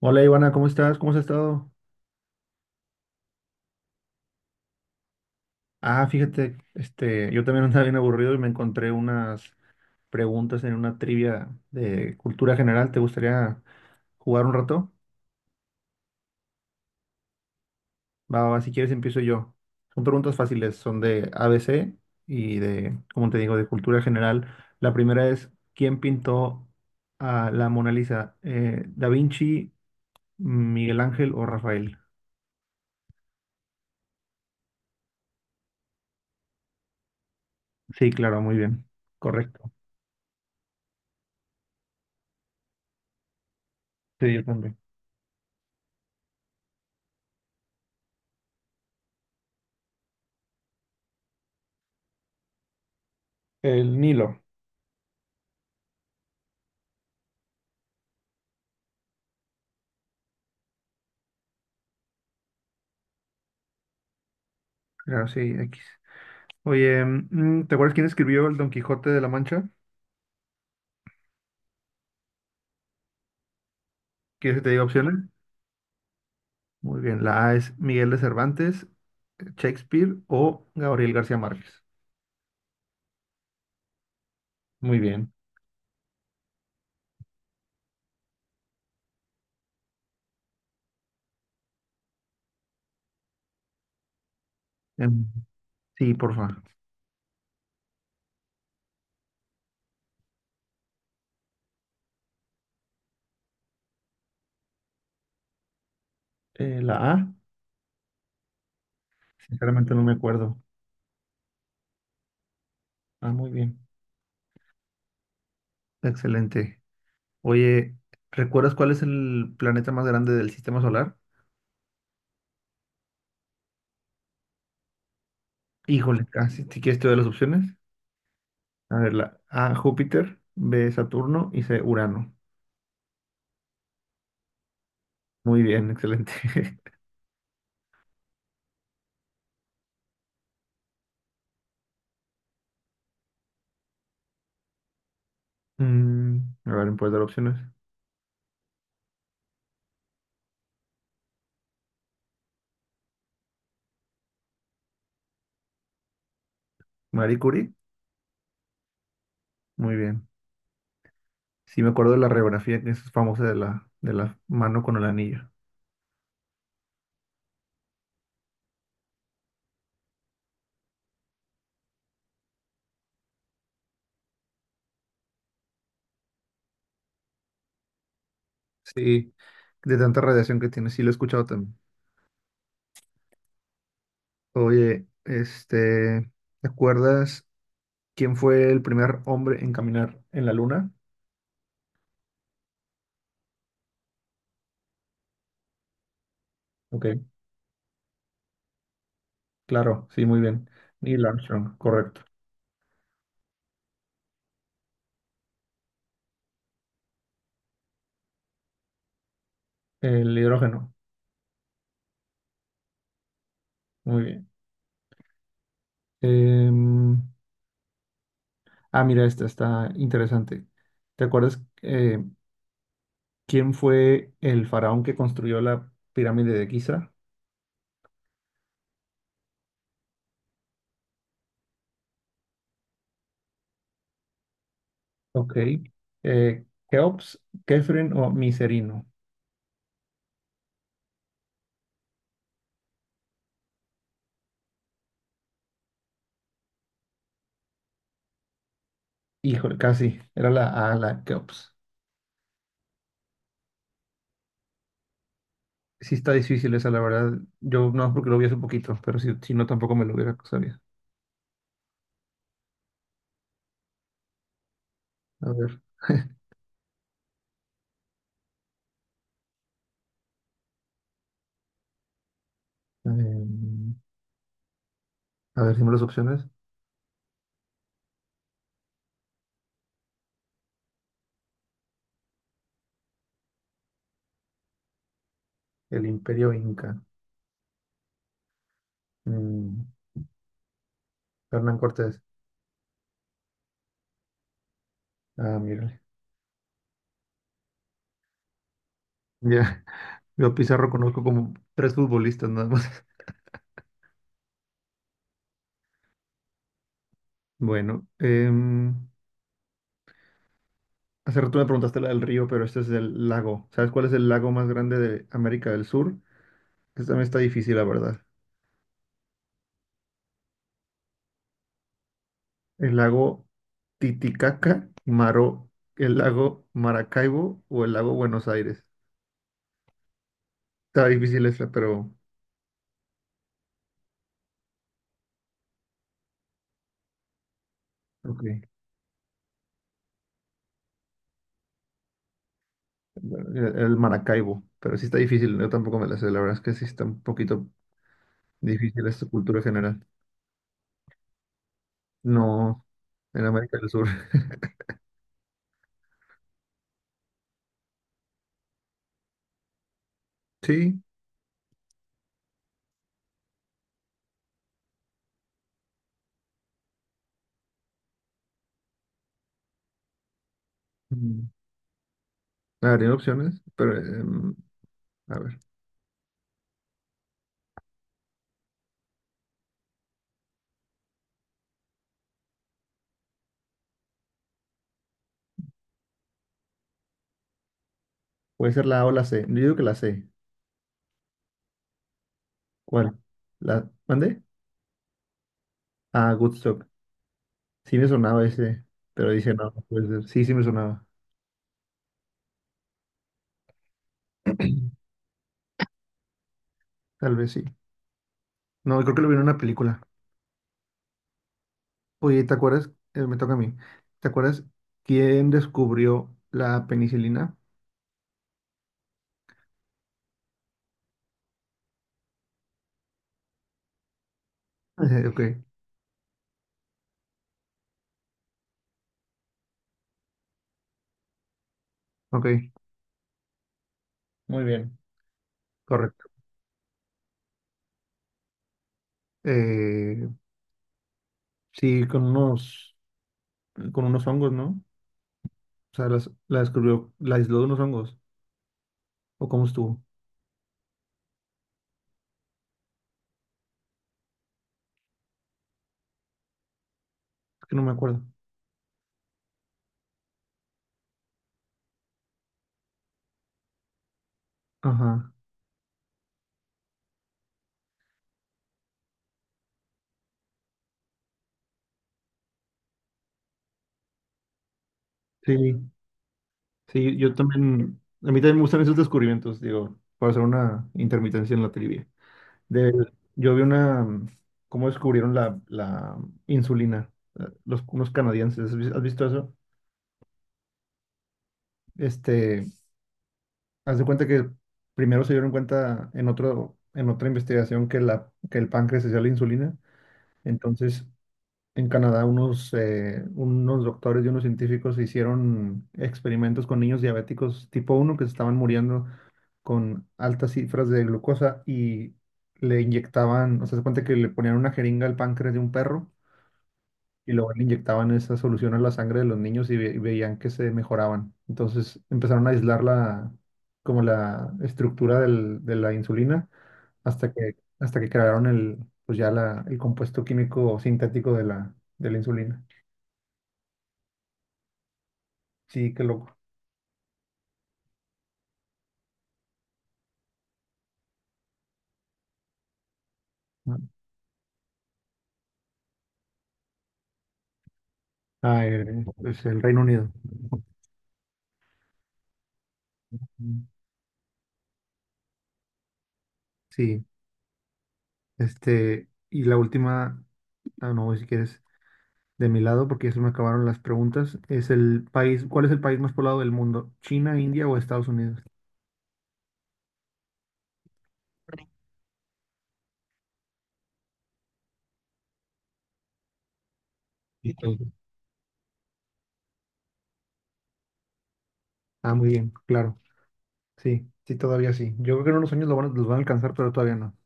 Hola Ivana, ¿cómo estás? ¿Cómo has estado? Ah, fíjate, este, yo también andaba bien aburrido y me encontré unas preguntas en una trivia de cultura general. ¿Te gustaría jugar un rato? Va, va, va, si quieres empiezo yo. Son preguntas fáciles, son de ABC y de, como te digo, de cultura general. La primera es, ¿quién pintó a la Mona Lisa? ¿Eh, Da Vinci, Miguel Ángel o Rafael? Sí, claro, muy bien. Correcto. Sí, yo también. El Nilo. Claro, sí, X. Oye, ¿te acuerdas quién escribió el Don Quijote de la Mancha? ¿Quieres que si te diga opciones? Muy bien, la A es Miguel de Cervantes, Shakespeare o Gabriel García Márquez. Muy bien. Em, sí, porfa. La A, sinceramente no me acuerdo. Ah, muy bien. Excelente. Oye, ¿recuerdas cuál es el planeta más grande del sistema solar? Híjole, casi. Si si quieres te doy las opciones. A ver, la A, Júpiter, B, Saturno y C, Urano. Muy bien, excelente. Mm, a ver, ¿me puedes dar opciones? Marie Curie, muy bien. Sí, me acuerdo de la radiografía que es famosa de la mano con el anillo. Sí, de tanta radiación que tiene, sí lo he escuchado también. Oye, este, ¿te acuerdas quién fue el primer hombre en caminar en la luna? Ok, claro, sí, muy bien. Neil Armstrong, correcto. El hidrógeno, muy bien. Em, Mira, esta está interesante. ¿Te acuerdas quién fue el faraón que construyó la pirámide de Giza? Ok. Eh, Keops, Kefren o Miserino. Híjole, casi. Era la A, la Keops. Sí está difícil esa, la verdad. Yo no porque lo vi hace poquito, pero si, si no tampoco me lo hubiera sabido. A ver. em, a ver, dime las opciones. El Imperio Inca. Mm, Hernán Cortés. Ah, mírale. Ya. Yo Pizarro conozco como tres futbolistas nada más. Bueno, hace rato me preguntaste la del río, pero este es del lago. ¿Sabes cuál es el lago más grande de América del Sur? Esta también está difícil, la verdad. ¿El lago Titicaca, Maro, el lago Maracaibo o el lago Buenos Aires? Está difícil esta, pero... Ok. El Maracaibo, pero sí está difícil. Yo tampoco me la sé. La verdad es que sí está un poquito difícil esta cultura general. No, en América del Sur. Sí. mm, A ver, tiene opciones, pero... a ver. Puede ser la A o la C. Yo digo que la C. ¿Cuál? ¿La mande? Ah, Woodstock. Sí me sonaba ese, pero dije, no, no puede ser. Sí, sí me sonaba. Tal vez sí. No, creo que lo vi en una película. Oye, ¿te acuerdas? Me toca a mí. ¿Te acuerdas quién descubrió la penicilina? Eh, ok, ok. Muy bien. Correcto. Eh, sí, con unos hongos, ¿no? O sea, la descubrió, la aisló de unos hongos. ¿O cómo estuvo? Es que no me acuerdo. Ajá. Sí, sí, yo también, a mí también me gustan esos descubrimientos, digo, para hacer una intermitencia en la trivia. De, yo vi una, cómo descubrieron la insulina, unos canadienses, has visto eso? Este, haz de cuenta que primero se dieron cuenta en en otra investigación que, que el páncreas hacía la insulina, entonces en Canadá unos doctores y unos científicos hicieron experimentos con niños diabéticos tipo uno que se estaban muriendo con altas cifras de glucosa y le inyectaban, o sea, se cuenta que le ponían una jeringa al páncreas de un perro y luego le inyectaban esa solución a la sangre de los niños y, y veían que se mejoraban. Entonces empezaron a aislar como la estructura de la insulina hasta que crearon pues ya el compuesto químico sintético de de la insulina. Sí, qué loco. Ah, es el Reino Unido. Mm. Sí, este, y la última, ah, no, si quieres, de mi lado, porque ya se me acabaron las preguntas, es el país, ¿cuál es el país más poblado del mundo? ¿China, India o Estados Unidos? Y todo. Ah, muy bien, claro. Sí, sí, todavía sí. Yo creo que en unos años los van a alcanzar, pero todavía no.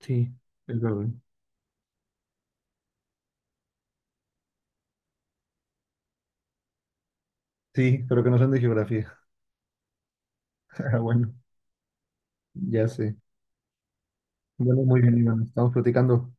Sí, es verdad. Sí, pero que no sean de geografía. Ah, bueno, ya sé. Bueno, muy bien, Iván. Estamos platicando.